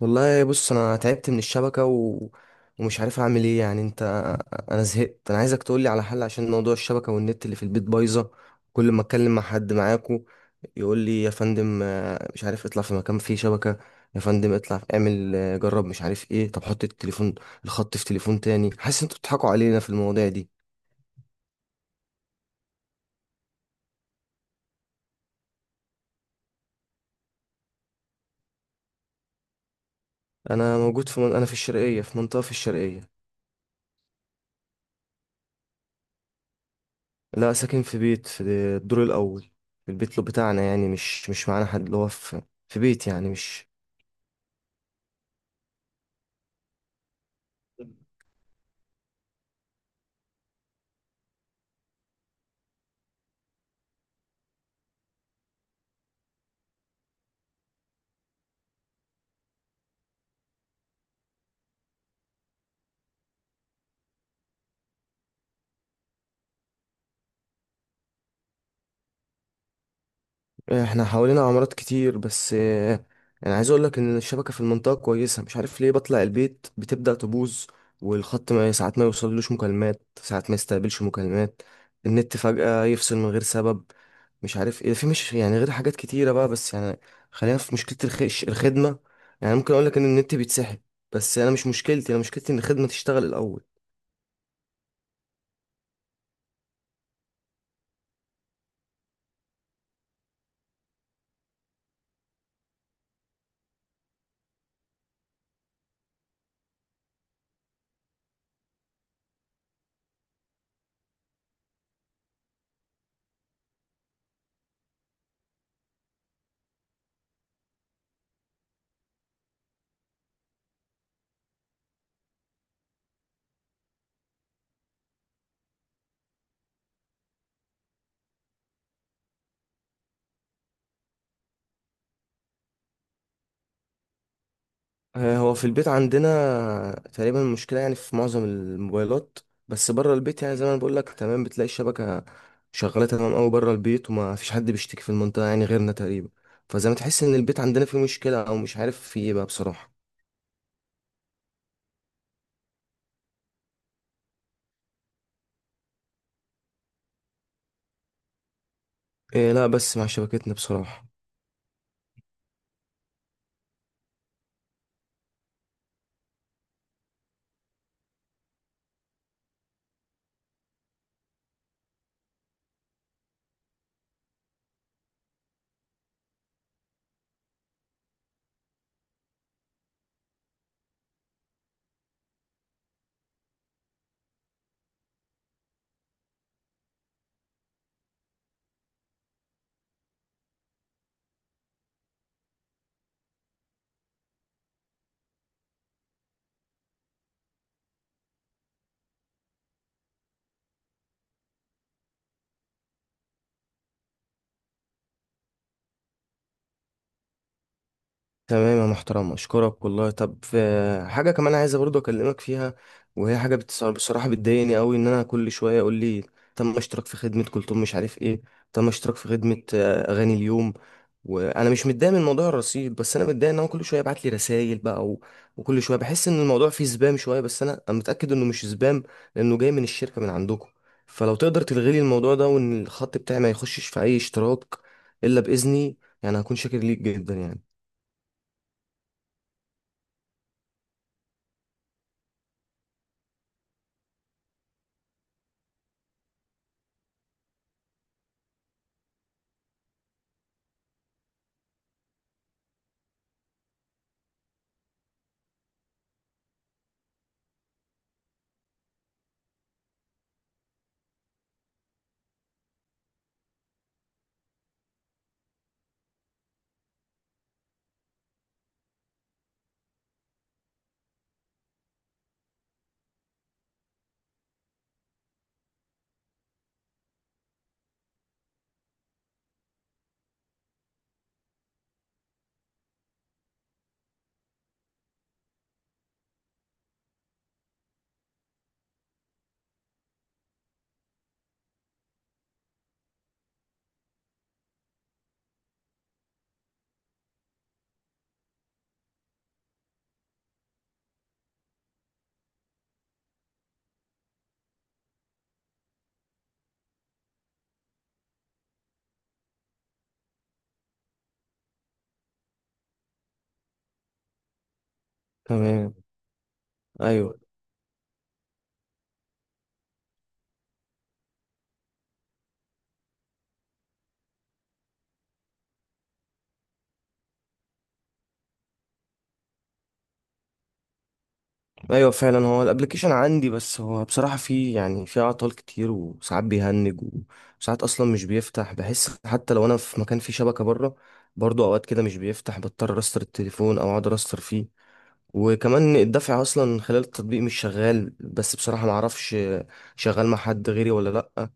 والله بص، انا تعبت من الشبكه ومش عارف اعمل ايه. يعني انا زهقت، انا عايزك تقولي على حل عشان موضوع الشبكه والنت اللي في البيت بايظه. كل ما اتكلم مع حد معاكو يقول لي يا فندم، مش عارف اطلع في مكان فيه شبكه، يا فندم اطلع اعمل، جرب، مش عارف ايه، طب حط الخط في تليفون تاني. حاسس انتوا بتضحكوا علينا في المواضيع دي. انا موجود في انا في الشرقيه، في منطقه في الشرقيه. لا، ساكن في بيت، في الدور الاول. في البيت لو بتاعنا، يعني مش معانا حد، اللي هو في بيت يعني مش. احنا حوالينا عمارات كتير، بس انا عايز اقول لك ان الشبكه في المنطقه كويسه، مش عارف ليه بطلع البيت بتبدا تبوظ. والخط ما ساعات ما يوصلوش مكالمات، ساعات ما يستقبلش مكالمات. النت فجاه يفصل من غير سبب، مش عارف ايه، في مش يعني، غير حاجات كتيره بقى، بس يعني خلينا في مشكله الخش الخدمه. يعني ممكن اقول لك ان النت بيتسحب، بس انا مش مشكلتي، انا مشكلتي ان الخدمه تشتغل الاول. آه، هو في البيت عندنا تقريبا المشكلة يعني في معظم الموبايلات، بس بره البيت يعني زي ما انا بقول لك، تمام، بتلاقي الشبكة شغالة تمام قوي بره البيت، وما فيش حد بيشتكي في المنطقة يعني غيرنا تقريبا. فزي ما تحس ان البيت عندنا فيه مشكلة او مش عارف فيه ايه بقى بصراحة. إيه، لا، بس مع شبكتنا بصراحة. تمام يا محترم، اشكرك والله. طب في حاجه كمان عايزه برضو اكلمك فيها، وهي حاجه بصراحه بتضايقني قوي، ان انا كل شويه اقول لي تم اشتراك في خدمه كلثوم، مش عارف ايه، تم اشتراك في خدمه، اغاني اليوم. وانا مش متضايق من موضوع الرصيد، بس انا متضايق ان هو كل شويه يبعت لي رسائل بقى، وكل شويه بحس ان الموضوع فيه سبام شويه. بس انا متاكد انه مش سبام، لانه جاي من الشركه من عندكم. فلو تقدر تلغي لي الموضوع ده، وان الخط بتاعي ما يخشش في اي اشتراك الا باذني، يعني هكون شاكر ليك جدا يعني. تمام. ايوه. ايوه، فعلا هو الابلكيشن عندي، بس هو بصراحه فيه يعني فيه اعطال كتير، وساعات بيهنج، وساعات اصلا مش بيفتح. بحس حتى لو انا في مكان فيه شبكه بره، برضو اوقات كده مش بيفتح، بضطر استر التليفون او اقعد استر فيه. وكمان الدفع اصلا خلال التطبيق مش شغال، بس بصراحة ما اعرفش شغال مع حد غيري ولا لا.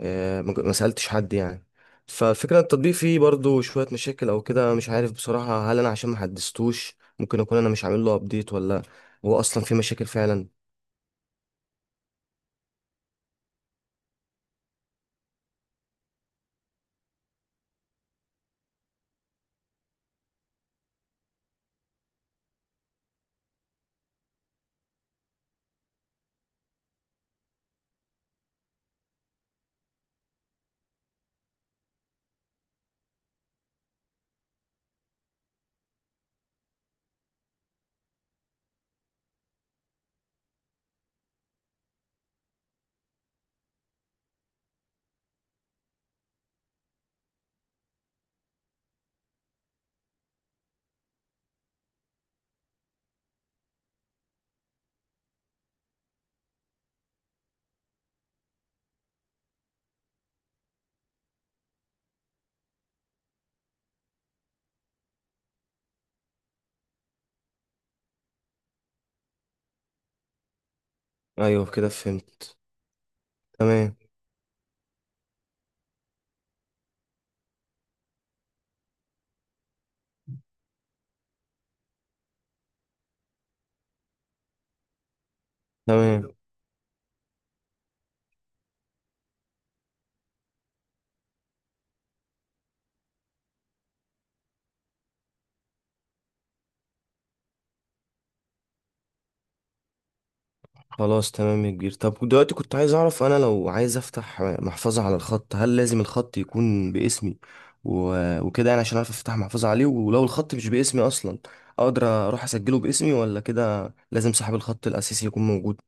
ما سألتش حد يعني. فالفكرة التطبيق فيه برضو شوية مشاكل او كده، مش عارف بصراحة، هل انا عشان ما حدثتوش، ممكن اكون انا مش عامل له ابديت، ولا هو اصلا فيه مشاكل فعلا. ايوه، كده فهمت. تمام. تمام. خلاص تمام يا كبير. طب دلوقتي كنت عايز اعرف، انا لو عايز افتح محفظة على الخط، هل لازم الخط يكون باسمي وكده؟ يعني عشان اعرف افتح محفظة عليه، ولو الخط مش باسمي اصلا اقدر اروح اسجله باسمي، ولا كده لازم صاحب الخط الاساسي يكون موجود؟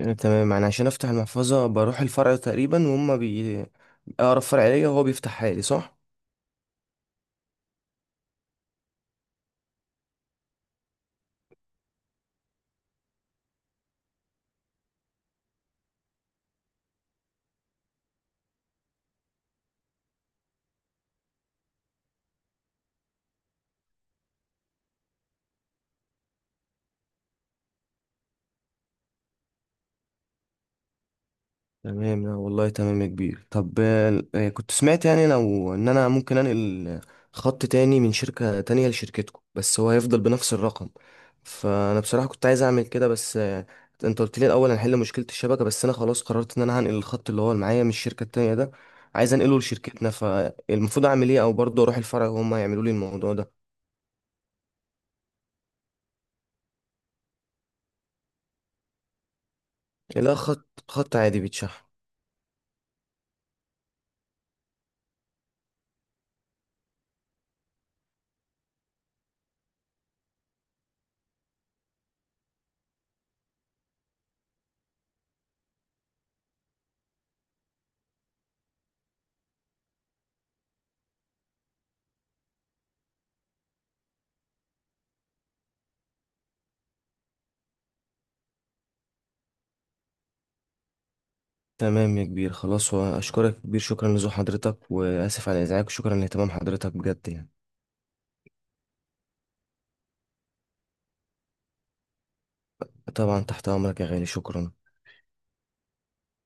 يعني تمام، يعني عشان افتح المحفظة بروح الفرع تقريبا، وهم اقرب فرع ليا، وهو بيفتحها لي، صح؟ تمام، لا والله تمام يا كبير. طب كنت سمعت يعني لو ان انا ممكن انقل خط تاني من شركة تانية لشركتكم، بس هو هيفضل بنفس الرقم. فانا بصراحة كنت عايز اعمل كده، بس انت قلت لي الاول هنحل مشكلة الشبكة. بس انا خلاص قررت ان انا هنقل الخط اللي هو اللي معايا من الشركة التانية ده، عايز انقله لشركتنا. فالمفروض اعمل ايه، او برضه اروح الفرع وهم يعملوا لي الموضوع ده؟ لا، خط عادي بيتشحن. تمام يا كبير، خلاص، واشكرك يا كبير، شكرا لزو حضرتك، واسف على ازعاجك، وشكرا لاهتمام حضرتك بجد يعني. طبعا تحت أمرك يا غالي، شكرا.